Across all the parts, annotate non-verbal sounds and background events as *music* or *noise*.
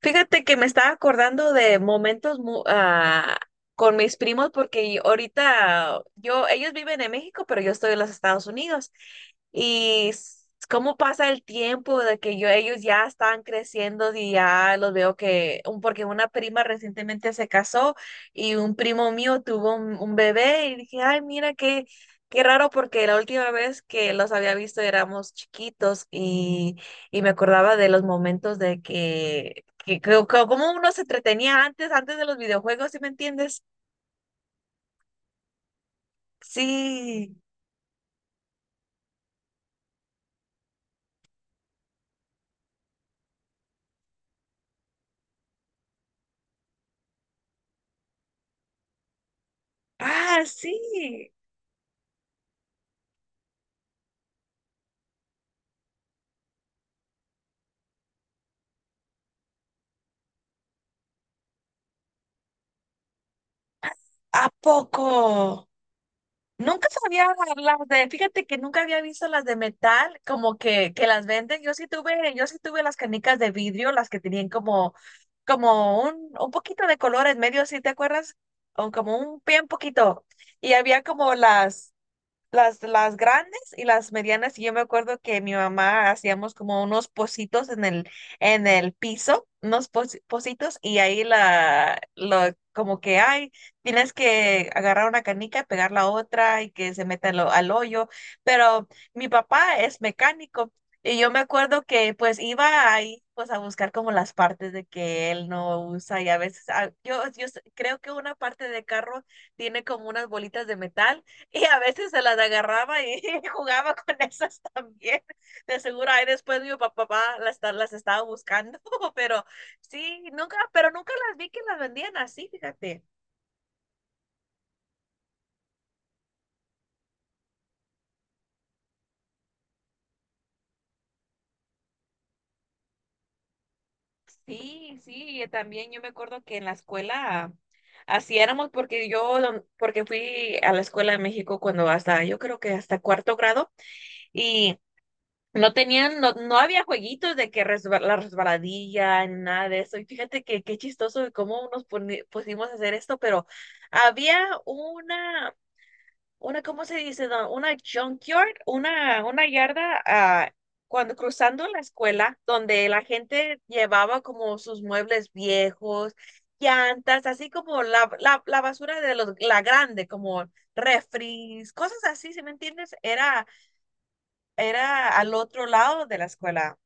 Fíjate que me estaba acordando de momentos con mis primos porque ahorita ellos viven en México, pero yo estoy en los Estados Unidos. Y cómo pasa el tiempo de que ellos ya están creciendo y ya los veo porque una prima recientemente se casó y un primo mío tuvo un bebé y dije, ay, mira qué raro porque la última vez que los había visto éramos chiquitos y me acordaba de los momentos de que cómo uno se entretenía antes de los videojuegos, ¿sí me entiendes? Sí. Ah, sí. ¿A poco? Nunca sabía las de, fíjate que nunca había visto las de metal, como que las venden. Yo sí tuve las canicas de vidrio, las que tenían como un poquito de color en medio, ¿sí te acuerdas? O como un bien poquito. Y había como las grandes y las medianas. Y yo me acuerdo que mi mamá hacíamos como unos pocitos en el piso, unos pocitos, y ahí como que, ay, tienes que agarrar una canica, pegar la otra y que se meta al hoyo. Pero mi papá es mecánico y yo me acuerdo que pues iba ahí, pues a buscar como las partes de que él no usa y a veces creo que una parte de carro tiene como unas bolitas de metal y a veces se las agarraba y *laughs* jugaba con esas también. De seguro ahí después mi papá las estaba buscando, *laughs* pero sí, nunca, pero nunca las vi que las vendían así, fíjate. Sí, sí, y también yo me acuerdo que en la escuela así éramos porque porque fui a la escuela de México cuando hasta, yo creo que hasta cuarto grado y no tenían, no, no había jueguitos de que la resbaladilla, ni nada de eso. Y fíjate que qué chistoso de cómo nos pusimos a hacer esto, pero había una, una, ¿cómo se dice? Don? Una junkyard, una yarda, cuando cruzando la escuela, donde la gente llevaba como sus muebles viejos, llantas, así como la basura de los, la grande, como refris, cosas así, ¿si me entiendes? Era al otro lado de la escuela.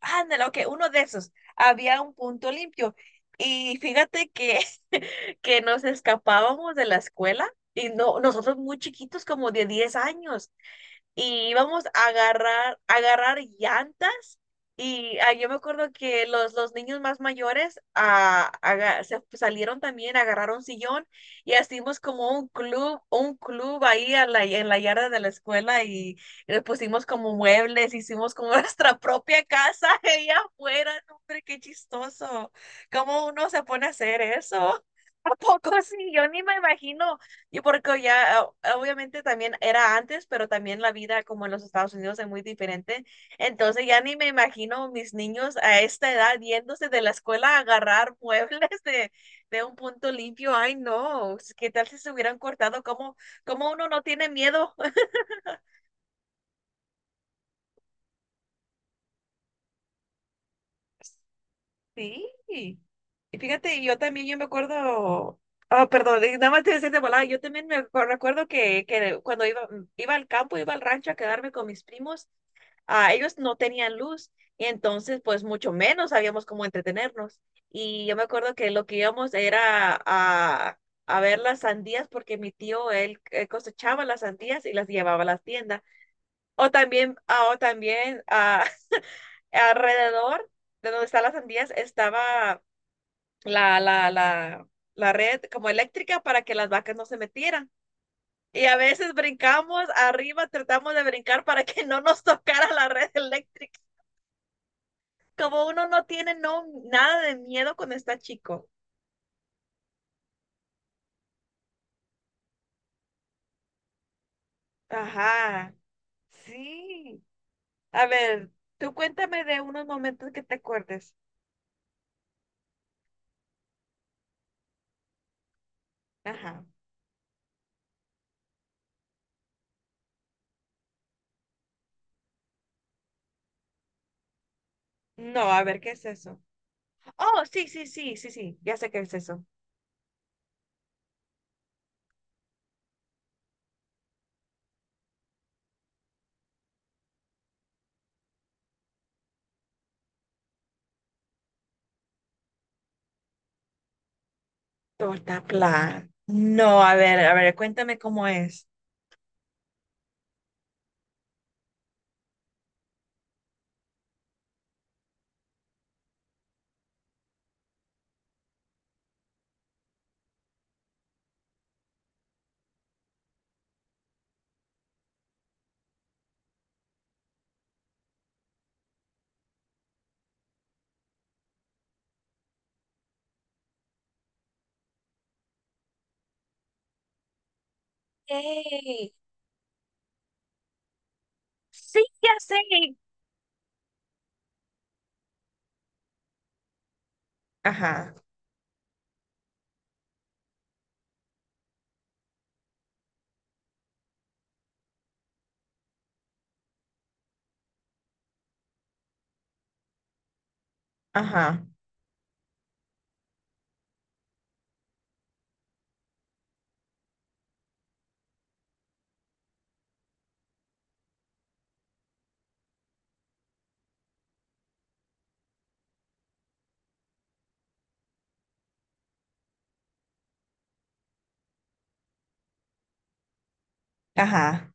Ándale, ok, uno de esos. Había un punto limpio. Y fíjate que, *laughs* que nos escapábamos de la escuela y no, nosotros muy chiquitos, como de 10 años y íbamos a agarrar llantas. Y yo me acuerdo que los niños más mayores se salieron también, agarraron sillón y hicimos como un club ahí en la yarda de la escuela y le pusimos como muebles, hicimos como *laughs* nuestra propia casa ahí afuera. No, hombre, qué chistoso. ¿Cómo uno se pone a hacer eso? *laughs* ¿A poco sí? Yo ni me imagino y porque ya obviamente también era antes, pero también la vida como en los Estados Unidos es muy diferente. Entonces ya ni me imagino mis niños a esta edad yéndose de la escuela a agarrar *laughs* muebles de un punto limpio. Ay, no, ¿qué tal si se hubieran cortado? ¿Cómo uno no tiene miedo? *laughs* Sí. Y fíjate, yo también, yo me acuerdo, perdón, y nada más te decía de volada, yo también me recuerdo que cuando iba al campo, iba al rancho a quedarme con mis primos. Ellos no tenían luz y entonces pues mucho menos sabíamos cómo entretenernos. Y yo me acuerdo que lo que íbamos era a ver las sandías porque mi tío, él cosechaba las sandías y las llevaba a las tiendas. O también, *laughs* alrededor de donde están las sandías estaba la, la, la, la red como eléctrica para que las vacas no se metieran. Y a veces brincamos arriba, tratamos de brincar para que *laughs* no nos tocara la red eléctrica. Como uno no tiene no, nada de miedo cuando está chico. Ajá, sí. A ver, tú cuéntame de unos momentos que te acuerdes. Ajá. No, a ver, ¿qué es eso? Oh, sí, sí, sí, sí, sí, ya sé qué es eso. Torta plan. No, a ver, cuéntame cómo es. Ey. Sí, ya sé. Ajá, ajá, ajá.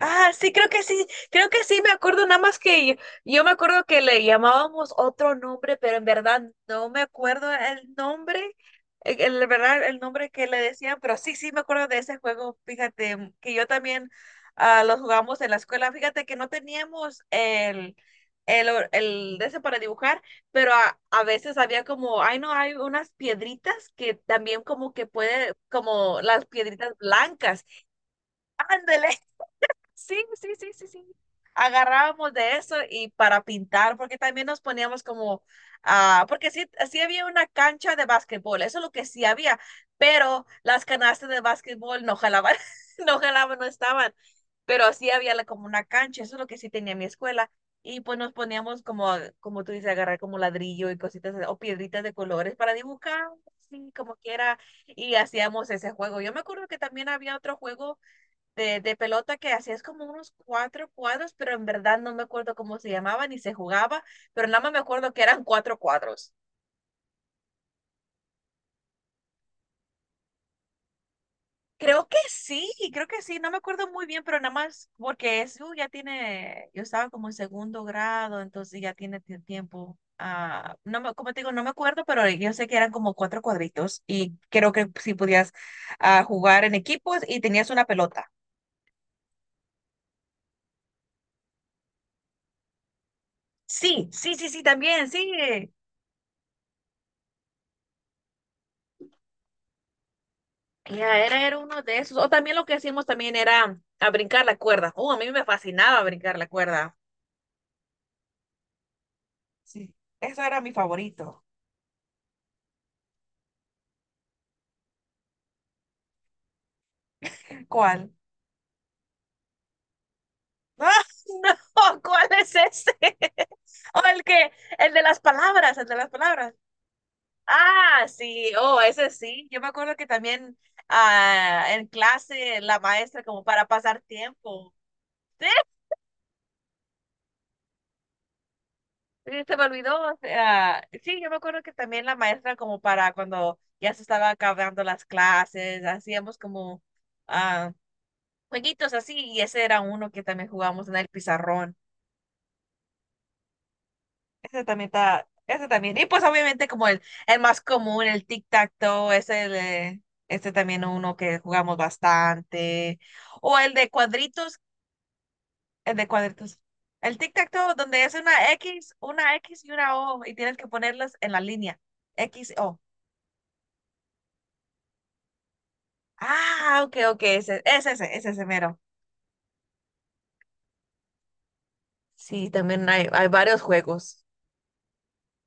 Ah, sí, creo que sí, creo que sí, me acuerdo nada más que yo, me acuerdo que le llamábamos otro nombre, pero en verdad no me acuerdo el nombre, verdad el nombre que le decían, pero sí, sí me acuerdo de ese juego, fíjate, que yo también lo jugamos en la escuela, fíjate que no teníamos el, el de ese para dibujar, pero a veces había como, ay no, hay unas piedritas que también como que puede, como las piedritas blancas, ándale. Sí, sí, sí, sí, sí. Agarrábamos de eso y para pintar, porque también nos poníamos como, porque sí, sí había una cancha de básquetbol, eso es lo que sí había, pero las canastas de básquetbol no jalaban, *laughs* no jalaban, no estaban, pero sí había como una cancha, eso es lo que sí tenía mi escuela. Y pues nos poníamos como, como tú dices, agarrar como ladrillo y cositas o piedritas de colores para dibujar, sí, como quiera, y hacíamos ese juego. Yo me acuerdo que también había otro juego de pelota que hacías como unos cuatro cuadros, pero en verdad no me acuerdo cómo se llamaba ni se jugaba, pero nada más me acuerdo que eran cuatro cuadros. Creo que sí, no me acuerdo muy bien, pero nada más porque eso ya tiene, yo estaba como en segundo grado, entonces ya tiene tiempo. No me, como te digo, no me acuerdo, pero yo sé que eran como cuatro cuadritos y creo que sí podías jugar en equipos y tenías una pelota. Sí, sí, sí, sí, también, sí. Ya era, era uno de esos. O también lo que hacíamos también era a brincar la cuerda. A mí me fascinaba brincar la cuerda. Sí, eso era mi favorito. ¿Cuál? *laughs* ¡Ah, no! ¿Cuál es ese? *laughs* O el que, el de las palabras, el de las palabras. Ah, sí, oh, ese sí. Yo me acuerdo que también en clase la maestra como para pasar tiempo. Sí. Sí, se me olvidó, o sea, sí, yo me acuerdo que también la maestra como para cuando ya se estaba acabando las clases, hacíamos como ah, jueguitos así y ese era uno que también jugamos en el pizarrón. Ese también está, ese también. Y pues obviamente como el más común, el tic-tac-toe, ese, el, este también uno que jugamos bastante. O el de cuadritos, el de cuadritos. El tic-tac-toe donde es una X y una O y tienes que ponerlas en la línea. X, O. Ah, ok, ok, ese mero. Sí, también hay varios juegos.